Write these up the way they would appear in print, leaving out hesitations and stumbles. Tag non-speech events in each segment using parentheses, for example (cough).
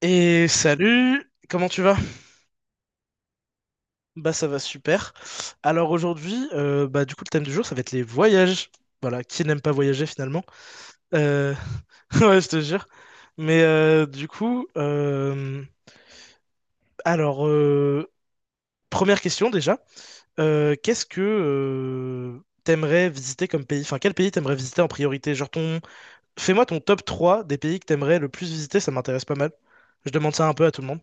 Et salut, comment tu vas? Bah ça va super. Alors aujourd'hui, bah du coup le thème du jour ça va être les voyages. Voilà, qui n'aime pas voyager finalement? Euh, (laughs) Ouais, je te jure. Mais du coup, alors première question déjà, qu'est-ce que t'aimerais visiter comme pays? Enfin, quel pays t'aimerais visiter en priorité? Fais-moi ton top 3 des pays que t'aimerais le plus visiter, ça m'intéresse pas mal. Je demande ça un peu à tout le monde.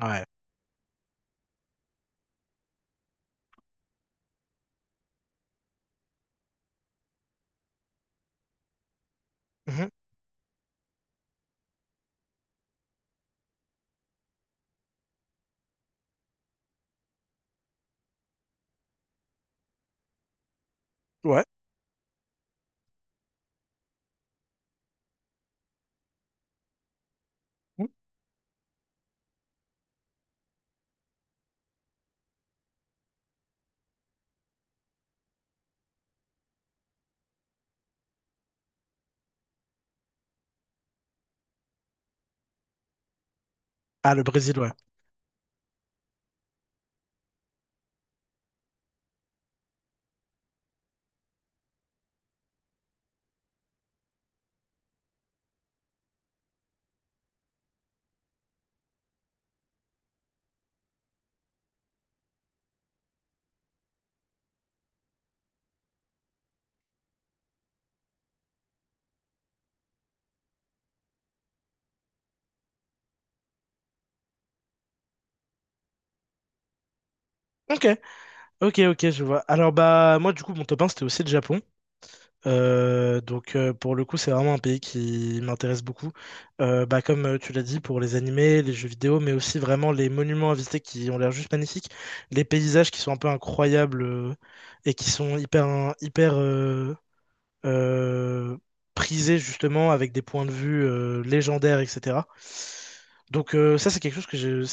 Ouais. Mhm. Ouais. Mhm. Ah, le Brésil, ouais. Ok, ok, ok, je vois. Alors, bah, moi, du coup, mon top 1, c'était aussi le Japon. Donc, pour le coup, c'est vraiment un pays qui m'intéresse beaucoup. Bah, comme tu l'as dit, pour les animés, les jeux vidéo, mais aussi vraiment les monuments à visiter qui ont l'air juste magnifiques, les paysages qui sont un peu incroyables et qui sont hyper, hyper, euh, prisé justement avec des points de vue légendaires, etc. Donc ça, c'est quelque chose que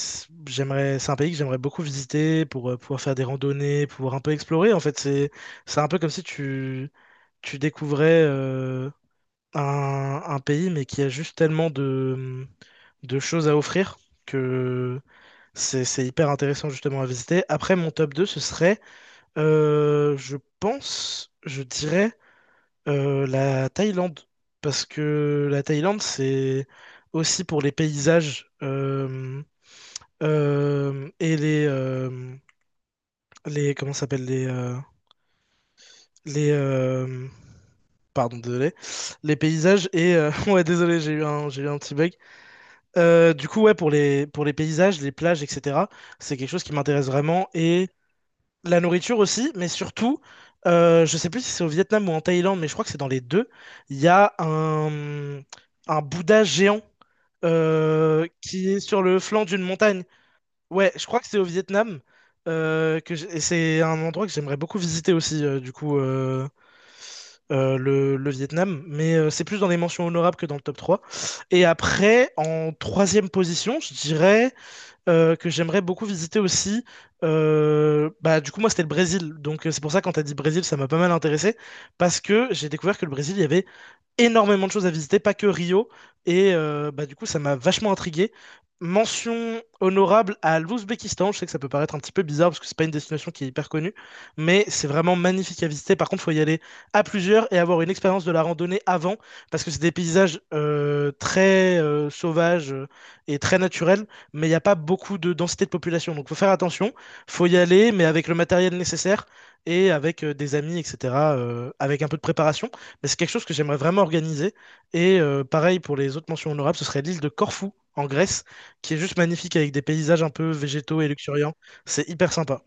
j'aimerais, c'est un pays que j'aimerais beaucoup visiter pour pouvoir faire des randonnées, pouvoir un peu explorer. En fait, c'est un peu comme si tu découvrais un pays, mais qui a juste tellement de choses à offrir que c'est hyper intéressant justement à visiter. Après, mon top 2 ce serait, je pense, je dirais la Thaïlande, parce que la Thaïlande, c'est aussi pour les paysages et les comment ça s'appelle les pardon désolé les paysages et (laughs) ouais désolé j'ai eu un petit bug. Du coup ouais pour les paysages, les plages etc. C'est quelque chose qui m'intéresse vraiment et la nourriture aussi, mais surtout, je sais plus si c'est au Vietnam ou en Thaïlande, mais je crois que c'est dans les deux. Il y a un Bouddha géant qui est sur le flanc d'une montagne. Ouais, je crois que c'est au Vietnam. Et c'est un endroit que j'aimerais beaucoup visiter aussi, du coup, le Vietnam. Mais c'est plus dans les mentions honorables que dans le top 3. Et après, en troisième position, je dirais que j'aimerais beaucoup visiter aussi. Bah, du coup, moi, c'était le Brésil. Donc, c'est pour ça, quand tu as dit Brésil, ça m'a pas mal intéressé. Parce que j'ai découvert que le Brésil, il y avait énormément de choses à visiter, pas que Rio. Et bah, du coup, ça m'a vachement intrigué. Mention honorable à l'Ouzbékistan. Je sais que ça peut paraître un petit peu bizarre parce que c'est pas une destination qui est hyper connue, mais c'est vraiment magnifique à visiter. Par contre, faut y aller à plusieurs et avoir une expérience de la randonnée avant parce que c'est des paysages très sauvages et très naturels, mais il n'y a pas beaucoup de densité de population. Donc, faut faire attention. Faut y aller, mais avec le matériel nécessaire et avec des amis, etc. Avec un peu de préparation. Et c'est quelque chose que j'aimerais vraiment organiser. Et pareil pour les autres mentions honorables, ce serait l'île de Corfou, en Grèce, qui est juste magnifique avec des paysages un peu végétaux et luxuriants. C'est hyper sympa.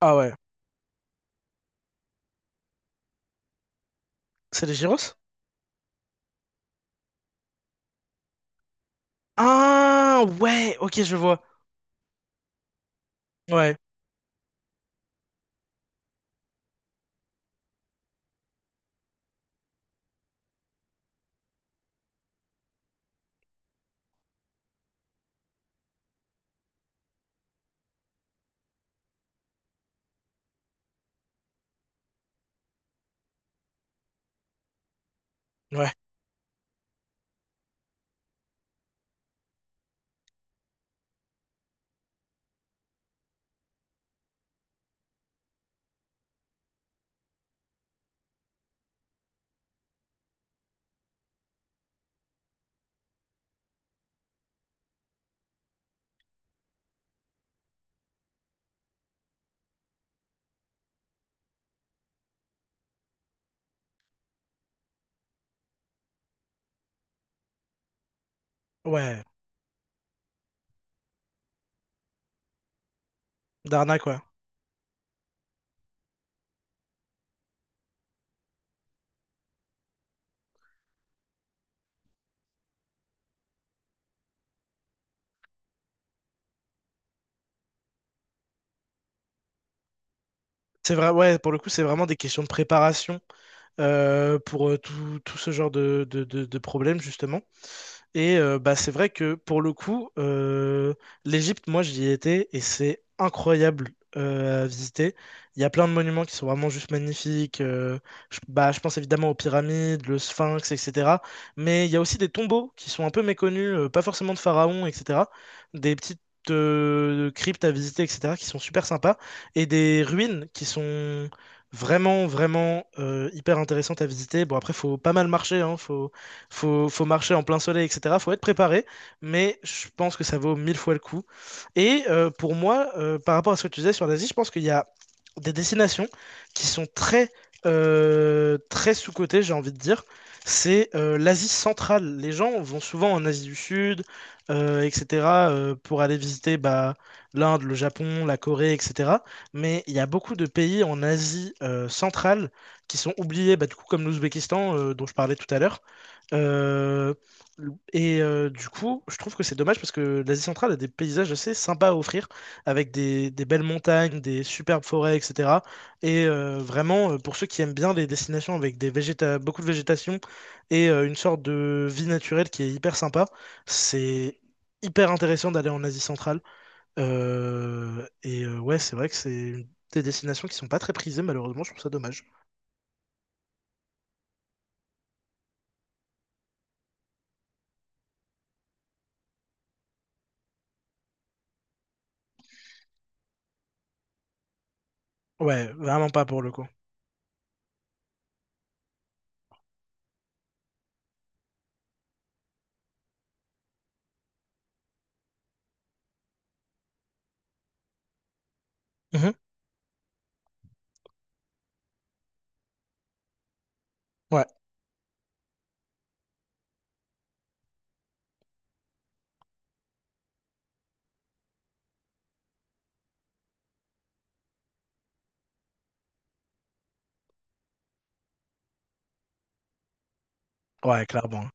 Ah ouais. C'est les gyros? Ah ouais, ok, je vois. Ouais, ouais, ouais. D'arnaque, ouais. C'est vrai, ouais, pour le coup, c'est vraiment des questions de préparation pour tout ce genre de problèmes, justement. Et bah, c'est vrai que pour le coup, l'Égypte, moi j'y ai été et c'est incroyable à visiter. Il y a plein de monuments qui sont vraiment juste magnifiques. Bah, je pense évidemment aux pyramides, le Sphinx, etc. Mais il y a aussi des tombeaux qui sont un peu méconnus, pas forcément de pharaons, etc. Des petites cryptes à visiter, etc., qui sont super sympas. Et des ruines qui sont vraiment, vraiment hyper intéressantes à visiter. Bon, après, faut pas mal marcher, hein, faut marcher en plein soleil, etc. Faut être préparé, mais je pense que ça vaut mille fois le coup. Et pour moi, par rapport à ce que tu disais sur l'Asie, je pense qu'il y a des destinations qui sont très sous-cotées, j'ai envie de dire. C'est l'Asie centrale. Les gens vont souvent en Asie du Sud, etc., pour aller visiter bah, l'Inde, le Japon, la Corée, etc. Mais il y a beaucoup de pays en Asie centrale qui sont oubliés, bah, du coup, comme l'Ouzbékistan, dont je parlais tout à l'heure. Euh, et du coup, je trouve que c'est dommage parce que l'Asie centrale a des paysages assez sympas à offrir, avec des belles montagnes, des superbes forêts, etc. Et vraiment, pour ceux qui aiment bien les destinations avec des végéta beaucoup de végétation et une sorte de vie naturelle qui est hyper sympa, c'est hyper intéressant d'aller en Asie centrale. Et ouais, c'est vrai que c'est des destinations qui sont pas très prisées, malheureusement, je trouve ça dommage. Ouais, vraiment pas pour le coup. Mhm. Ouais, ouais, clairement, hein.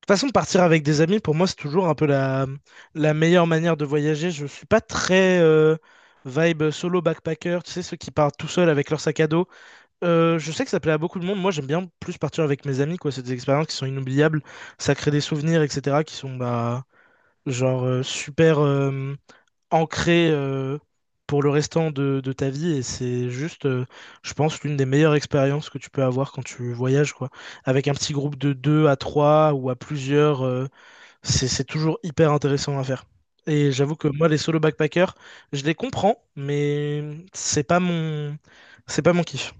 Toute façon, partir avec des amis, pour moi, c'est toujours un peu la meilleure manière de voyager. Je suis pas très vibe solo backpacker, tu sais, ceux qui partent tout seuls avec leur sac à dos. Je sais que ça plaît à beaucoup de monde. Moi, j'aime bien plus partir avec mes amis, quoi. C'est des expériences qui sont inoubliables. Ça crée des souvenirs, etc., qui sont, bah, genre, super ancrés pour le restant de ta vie. Et c'est juste, je pense, l'une des meilleures expériences que tu peux avoir quand tu voyages, quoi. Avec un petit groupe de deux à trois ou à plusieurs. C'est toujours hyper intéressant à faire. Et j'avoue que moi, les solo backpackers, je les comprends, mais c'est pas mon, c'est pas mon kiff.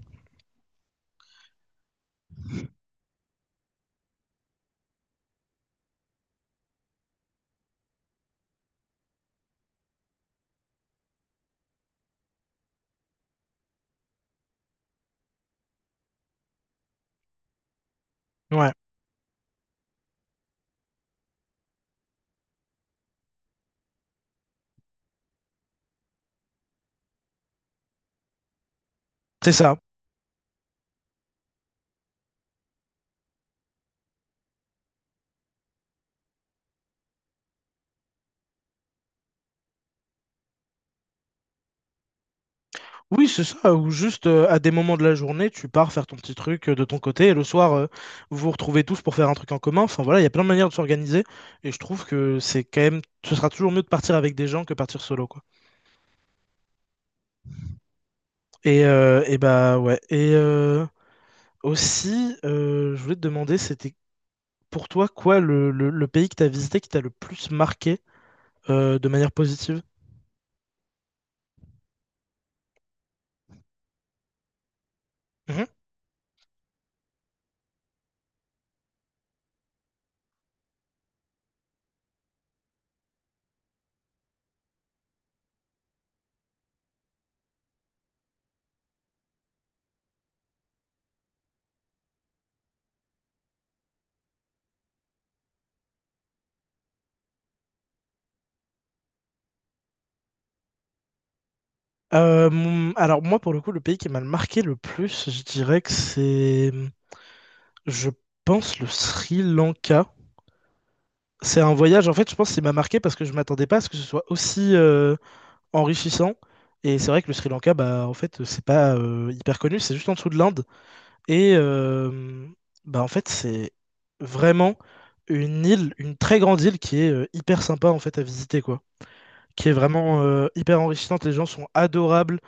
Ouais, c'est ça. Oui, c'est ça. Ou juste à des moments de la journée, tu pars faire ton petit truc de ton côté, et le soir, vous vous retrouvez tous pour faire un truc en commun. Enfin voilà, il y a plein de manières de s'organiser, et je trouve que c'est quand même, ce sera toujours mieux de partir avec des gens que partir solo, quoi. Et bah ouais. Et aussi, je voulais te demander, c'était pour toi, quoi, le pays que tu as visité qui t'a le plus marqué de manière positive? Mhm. Alors moi, pour le coup, le pays qui m'a le marqué le plus, je dirais que c'est, je pense, le Sri Lanka. C'est un voyage, en fait, je pense qui m'a marqué parce que je m'attendais pas à ce que ce soit aussi enrichissant. Et c'est vrai que le Sri Lanka, bah, en fait, c'est pas hyper connu, c'est juste en dessous de l'Inde. Et bah en fait, c'est vraiment une île, une très grande île qui est hyper sympa en fait à visiter quoi. Qui est vraiment hyper enrichissante. Les gens sont adorables.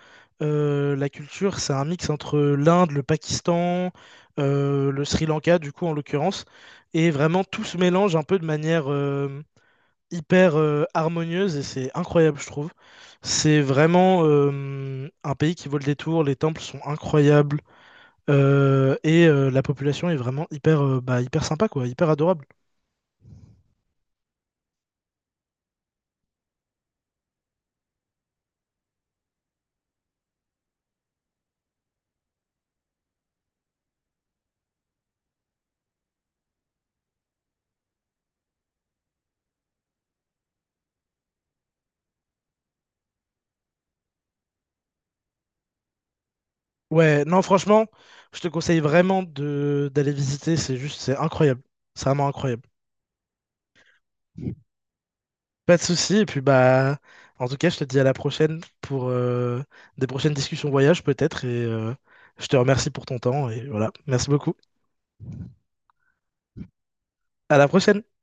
La culture, c'est un mix entre l'Inde, le Pakistan, le Sri Lanka du coup en l'occurrence. Et vraiment tout se mélange un peu de manière hyper harmonieuse et c'est incroyable je trouve. C'est vraiment un pays qui vaut le détour. Les temples sont incroyables. Et la population est vraiment hyper, bah, hyper sympa, quoi, hyper adorable. Ouais, non, franchement, je te conseille vraiment de d'aller visiter, c'est juste, c'est incroyable. C'est vraiment incroyable. Pas de souci, et puis bah, en tout cas, je te dis à la prochaine pour des prochaines discussions voyage peut-être, et je te remercie pour ton temps, et voilà, merci beaucoup. À la prochaine!